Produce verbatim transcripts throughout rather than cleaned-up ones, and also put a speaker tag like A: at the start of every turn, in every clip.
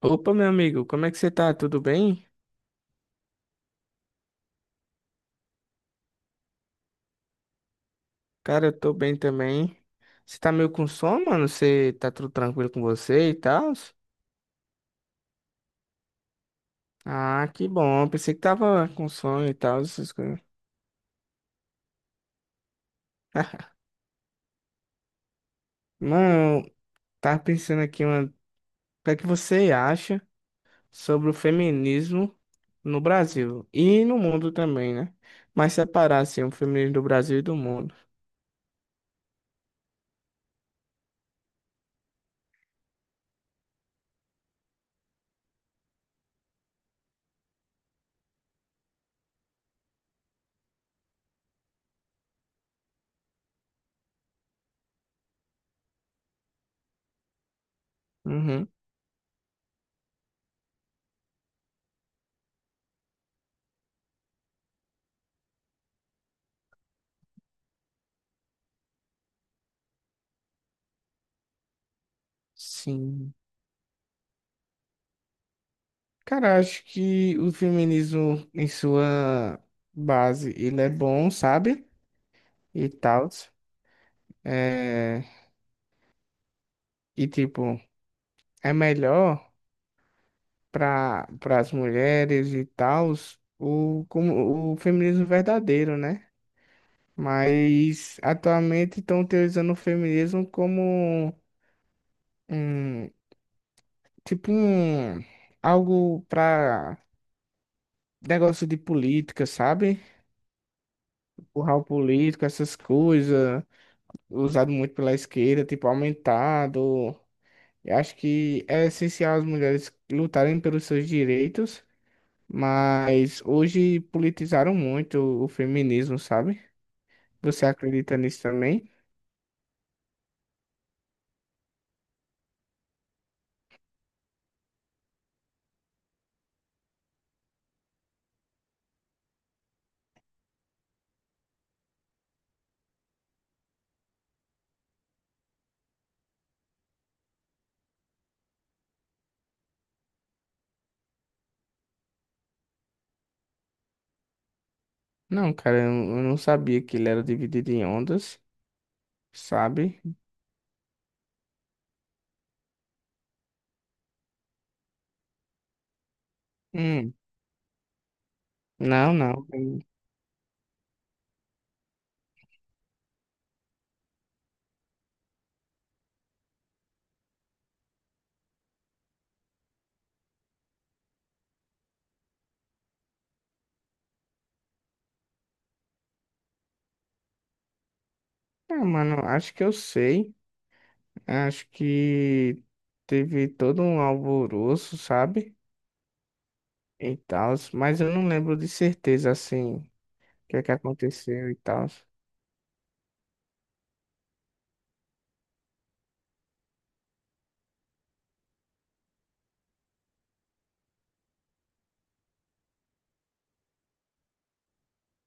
A: Opa, meu amigo, como é que você tá? Tudo bem? Cara, eu tô bem também. Você tá meio com sono, mano? Você tá tudo tranquilo com você e tal? Ah, que bom. Pensei que tava com sono e tal, essas coisas. Mano, eu tava pensando aqui, mano, o que é que você acha sobre o feminismo no Brasil e no mundo também, né? Mas separar, assim, o feminismo do Brasil e do mundo. Uhum. Sim, cara, acho que o feminismo em sua base, ele é bom, sabe? E tal. É... E tipo, é melhor para as mulheres e tal o, como, o feminismo verdadeiro, né? Mas atualmente estão utilizando o feminismo como um, tipo um, algo para negócio de política, sabe? Empurrar o político, essas coisas usado muito pela esquerda, tipo, aumentado. Eu acho que é essencial as mulheres lutarem pelos seus direitos, mas hoje politizaram muito o feminismo, sabe? Você acredita nisso também? Não, cara, eu eu não sabia que ele era dividido em ondas, sabe? Hum, não, não. Ah, mano, acho que eu sei. Acho que teve todo um alvoroço, sabe? E tal, mas eu não lembro de certeza, assim, o que é que aconteceu e tal.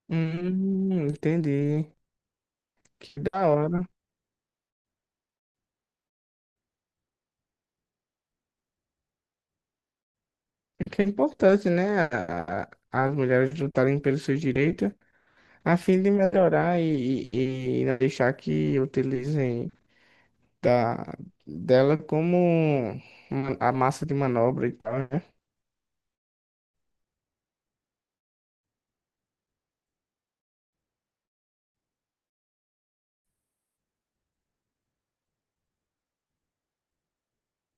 A: Hum, entendi. Que da hora. É que é importante, né? a- As mulheres lutarem pelos seus direitos a fim de melhorar e, e, e não deixar que utilizem da, dela como uma- a massa de manobra e tal, né?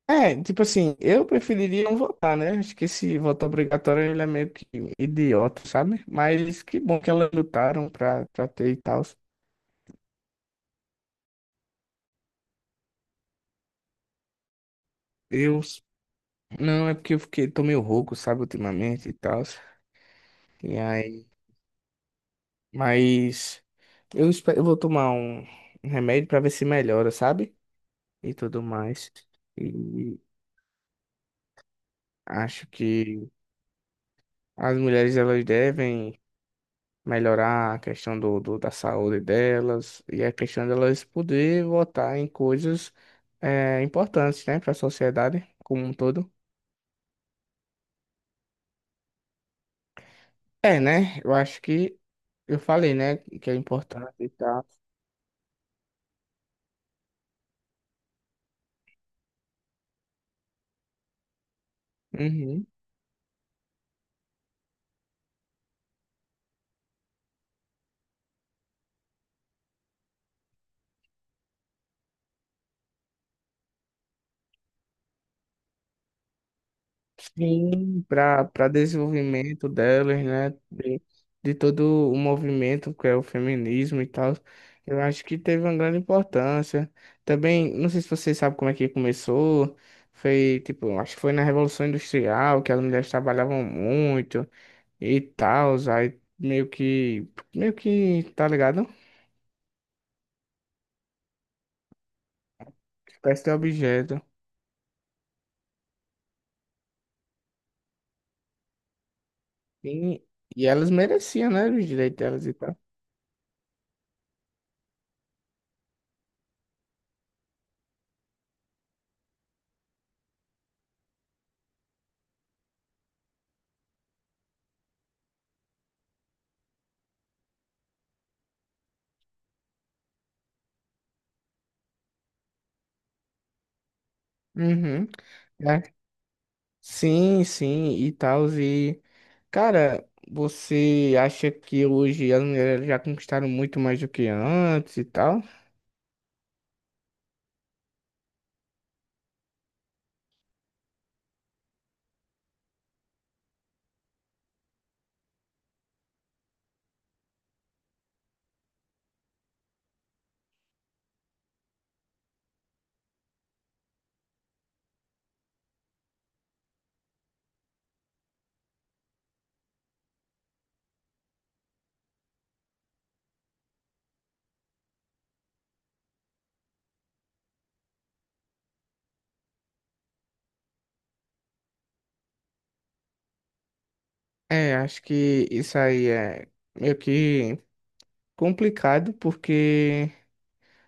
A: É, tipo assim, eu preferiria não votar, né? Acho que esse voto obrigatório ele é meio que idiota, sabe? Mas que bom que elas lutaram pra, pra ter e tal. Eu Não, é porque eu fiquei, tô meio rouco, sabe, ultimamente e tal. E aí, mas eu espero, eu vou tomar um um remédio pra ver se melhora, sabe? E tudo mais. E acho que as mulheres elas devem melhorar a questão do, do- da saúde delas e a questão delas poder votar em coisas eh, importantes, né, para a sociedade como um todo. É, né? Eu acho que eu falei, né, que é importante e tal. Uhum. Sim, para para desenvolvimento delas, né? De, de todo o movimento que é o feminismo e tal. Eu acho que teve uma grande importância. Também, não sei se vocês sabem como é que começou. Foi, tipo, acho que foi na Revolução Industrial que as mulheres trabalhavam muito e tal. Aí meio que, meio que, tá ligado? Espécie de objeto. E, e elas mereciam, né? Os direitos delas e tal. Uhum. É. Sim, sim, e tal, cara, você acha que hoje as mulheres já conquistaram muito mais do que antes e tal? É, acho que isso aí é meio que complicado, porque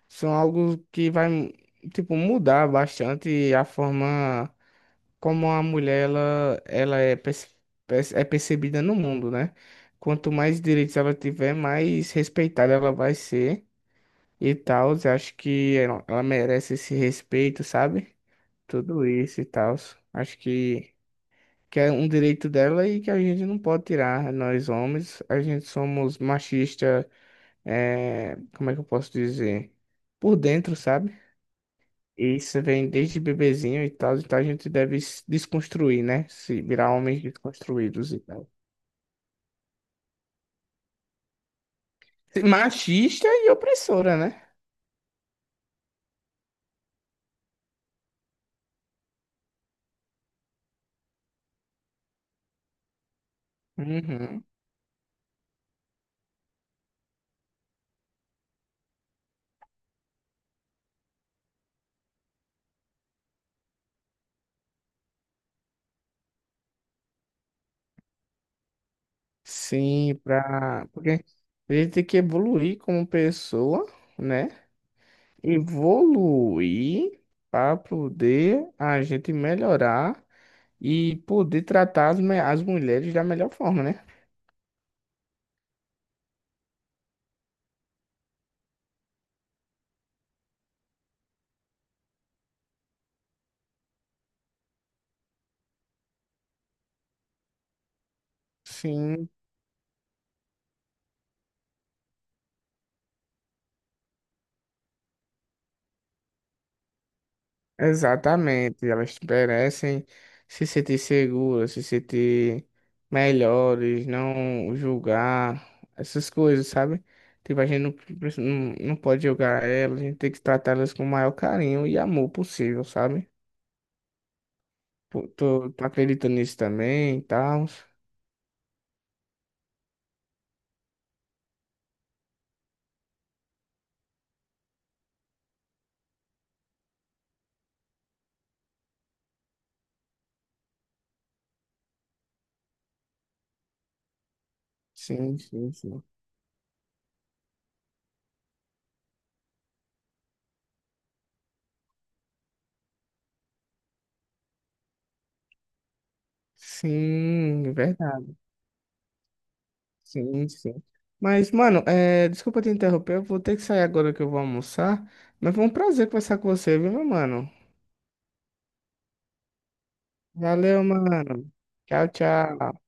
A: são algo que vai, tipo, mudar bastante a forma como a mulher ela, ela é, perce- perce- é percebida no mundo, né? Quanto mais direitos ela tiver, mais respeitada ela vai ser e tal. Eu acho que ela ela merece esse respeito, sabe? Tudo isso e tal. Acho que, que é um direito dela e que a gente não pode tirar. Nós homens, a gente somos machista, é, como é que eu posso dizer? Por dentro, sabe? E isso vem desde bebezinho e tal, então a gente deve se desconstruir, né? Se virar homens desconstruídos e tal. Machista e opressora, né? Uhum. Sim, pra... porque a gente tem que evoluir como pessoa, né? Evoluir para poder a gente melhorar e poder tratar as, me- as mulheres da melhor forma, né? Sim, exatamente. Elas merecem se sentir seguras, se sentir melhores, não julgar, essas coisas, sabe? Tipo, a gente não, pre- não, não pode julgar elas, a gente tem que tratá-las com o maior carinho e amor possível, sabe? Pô, Tô, tô acreditando nisso também e tal. Sim, sim, sim. Sim, verdade. Sim, sim. Mas, mano, é, desculpa te interromper, eu vou ter que sair agora que eu vou almoçar. Mas foi um prazer conversar com você, viu, meu mano? Valeu, mano. Tchau, tchau.